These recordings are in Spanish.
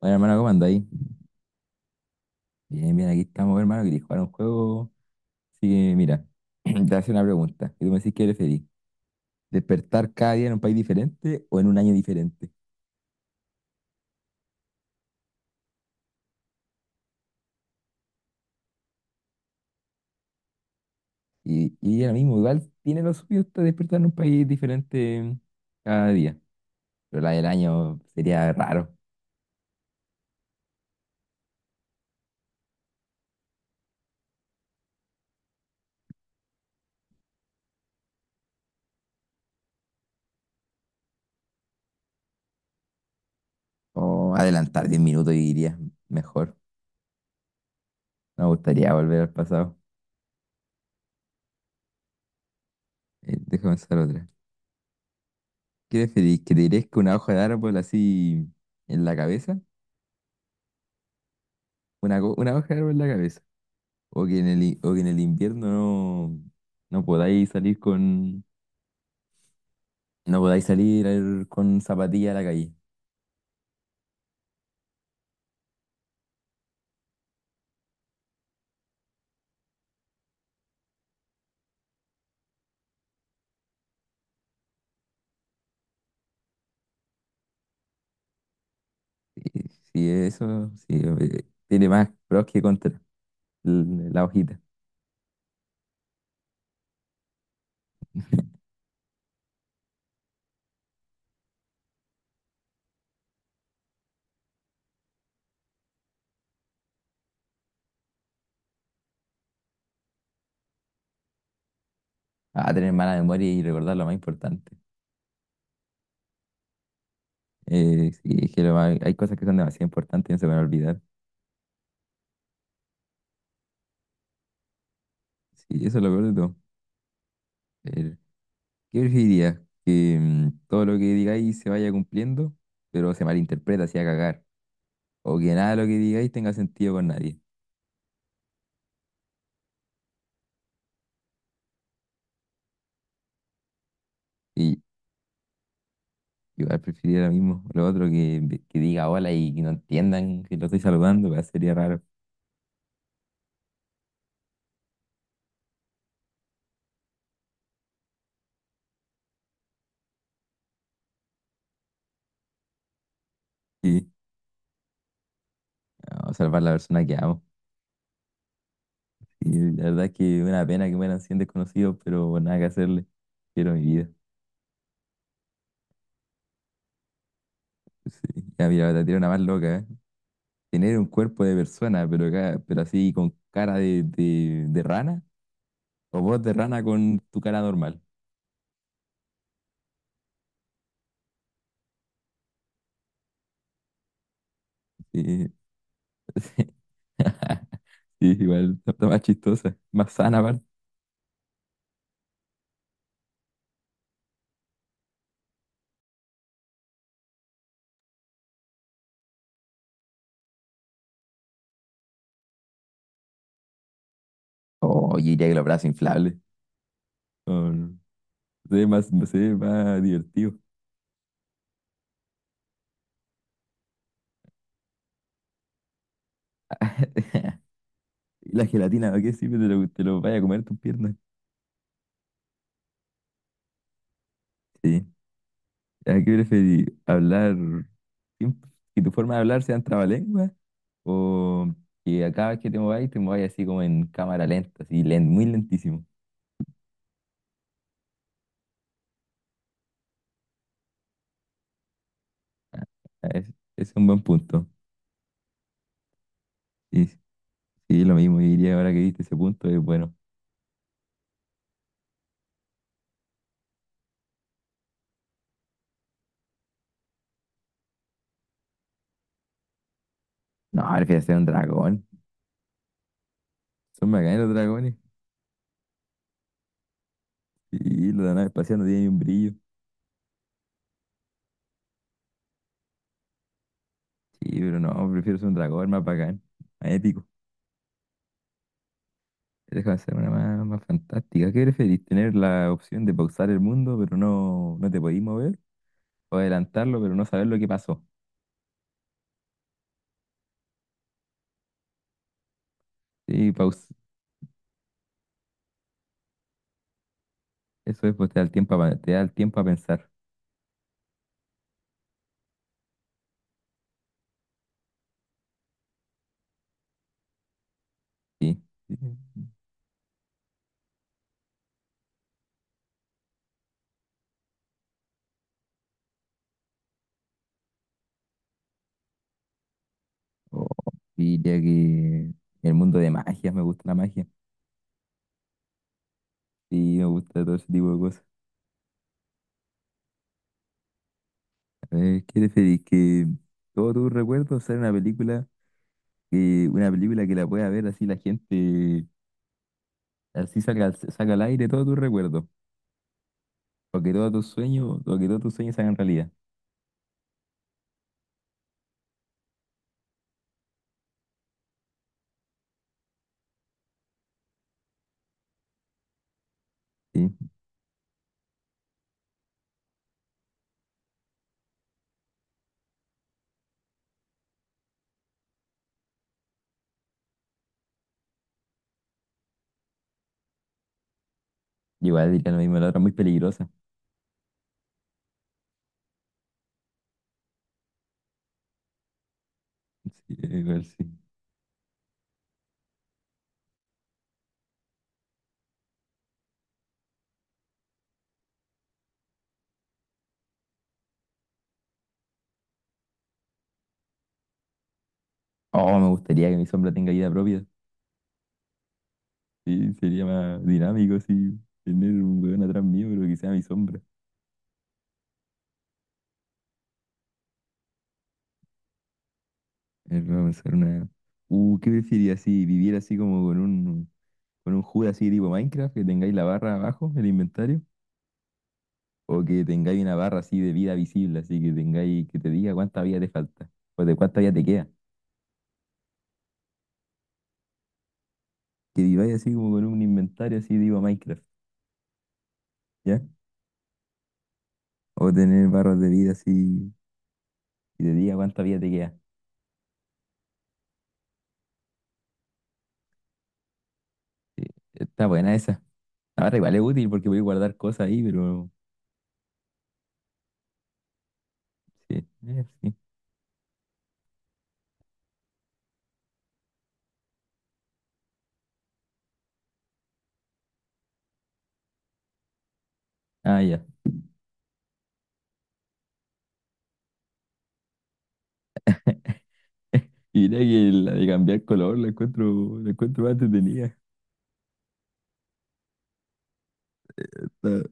Bueno, hermano, ¿cómo andáis? Bien, bien, aquí estamos, hermano, que jugar un juego. Así que, mira, te voy a hacer una pregunta. Y tú me decís qué preferís, despertar cada día en un país diferente o en un año diferente. Y ahora mismo, igual tiene lo suyo hasta despertar en un país diferente cada día. Pero la del año sería raro. O adelantar 10 minutos y iría mejor. No me gustaría volver al pasado. Déjame pensar otra. ¿Qué preferís? ¿Que te crezca una hoja de árbol así en la cabeza? Una hoja de árbol en la cabeza. O que en el invierno no, no podáis salir con, no podáis salir con zapatillas a la calle. Sí, sí, eso sí, tiene más pros que contras la hojita. A tener mala memoria y recordar lo más importante. Sí, es que lo más- hay cosas que son demasiado importantes y no se van a olvidar. Sí, eso es lo peor de todo. El- ¿Qué preferirías? Que todo lo que digáis se vaya cumpliendo, pero se malinterpreta, se haga cagar. O que nada de lo que digáis tenga sentido con nadie. Igual preferiría lo mismo. Lo otro que diga hola y que no entiendan que lo estoy saludando, pues, sería raro. Sí, no, salvar la persona que amo. Y la verdad es que una pena que mueran 100 desconocidos, pero nada que hacerle. Quiero mi vida. Sí. Ya, mira, te tiro una más loca, ¿eh? Tener un cuerpo de persona, pero, pero así con cara de rana, o voz de rana con tu cara normal. Sí, sí. Sí, igual, está más chistosa, más sana, aparte. Oh, yo diría que los brazos inflables. Oh, no. Se ve más divertido. ¿Y la gelatina? ¿A qué sirve? Te lo vaya a comer tus piernas. Sí. ¿A qué prefieres? ¿Hablar? sin- ¿Que tu forma de hablar sean trabalenguas? ¿O que a cada vez que te mováis así como en cámara lenta, muy lentísimo? Ah, ah, es- es un buen punto. Sí, sí, lo mismo diría ahora que viste ese punto, es bueno. No, prefiero ser un dragón. Son bacanes los dragones. Sí, los de la nave espacial no tienen ni un brillo. Sí, pero no, prefiero ser un dragón más bacán, más épico. Déjame hacer una más, más fantástica. ¿Qué preferís? ¿Tener la opción de pausar el mundo, pero no, no te podís mover? ¿O adelantarlo, pero no saber lo que pasó? Sí, paus Eso es, pues te da el tiempo a pensar. Sí. Sí. O diría que el mundo de magia, me gusta la magia. Sí, me gusta todo ese tipo de cosas. A ver, ¿qué preferís? ¿Que todos tus recuerdos sean una película, una película que la pueda ver así la gente, así saca al aire todos tus recuerdos? O que todos tus sueños se hagan realidad. Sí, igual diría lo mismo, la otra es muy peligrosa. Sí, igual sí. Oh, me gustaría que mi sombra tenga vida propia. Sí, sería más dinámico, sí. Tener un weón atrás mío, pero que sea mi sombra. A ver, vamos a hacer una. ¿Qué preferirías si vivir así con un HUD así tipo Minecraft, que tengáis la barra abajo, el inventario? O que tengáis una barra así de vida visible, así que te diga cuánta vida te falta, o de cuánta vida te queda. Que viváis así como con un inventario así tipo Minecraft. O tener barras de vida así y de día cuánta vida te queda. Sí, está buena esa. Ahora igual es útil porque voy a guardar cosas ahí, pero sí, sí. Ah, ya. Y mira que la de cambiar color la encuentro más entretenida. Está,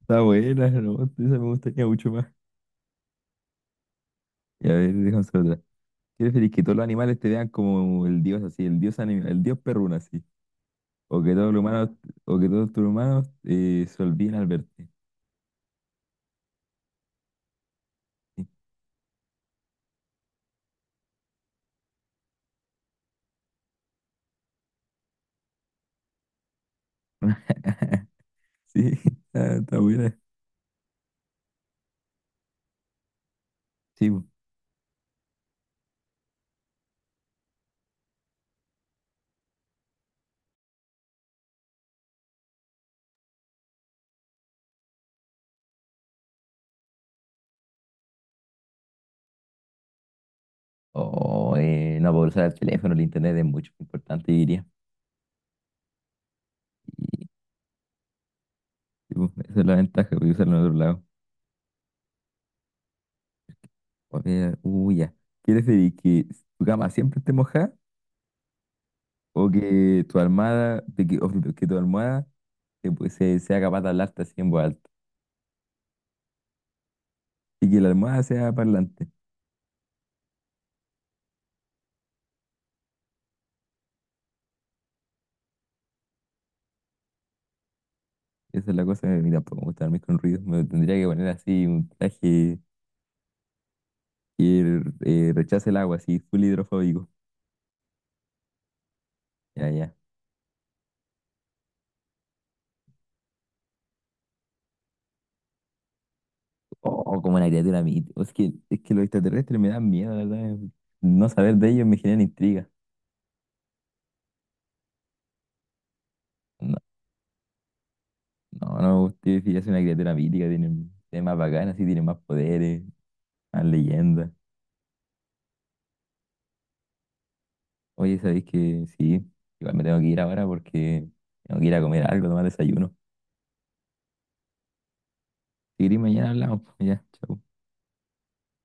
está buena, ¿no? Esa me gustaría mucho más. Y a ver, déjame hacer otra. ¿Quieres feliz que todos los animales te vean como el dios así, el dios animal, el dios perruna así? O que todos los humanos, o que todos tus humanos se olviden al verte. Sí, sí, está, está buena. Sí. O no puedo usar el teléfono, el internet es mucho más importante, diría. Y sí, pues, esa es la ventaja, voy a usarlo en otro lado. A ver, uy, ya. ¿Quieres decir que tu cama siempre esté mojada o que tu almohada, de que, o que tu almohada pues, sea capaz de hablarte así en voz alta? Y que la almohada sea parlante. Esa es la cosa, que, mira, tampoco me gusta dormir con ruido. Me tendría que poner así un traje que rechace el agua, así, full hidrofóbico. Ya, ya. O como una criatura mítica. Es que los extraterrestres me dan miedo, la verdad. No saber de ellos me genera intriga. No, no me gusta decir, es una criatura mítica. Tiene más bacanas, sí, tiene más poderes, más leyendas. Oye, ¿sabéis que sí? Igual me tengo que ir ahora porque tengo que ir a comer algo, tomar desayuno. Si queréis, mañana hablamos, pues. Ya, chau.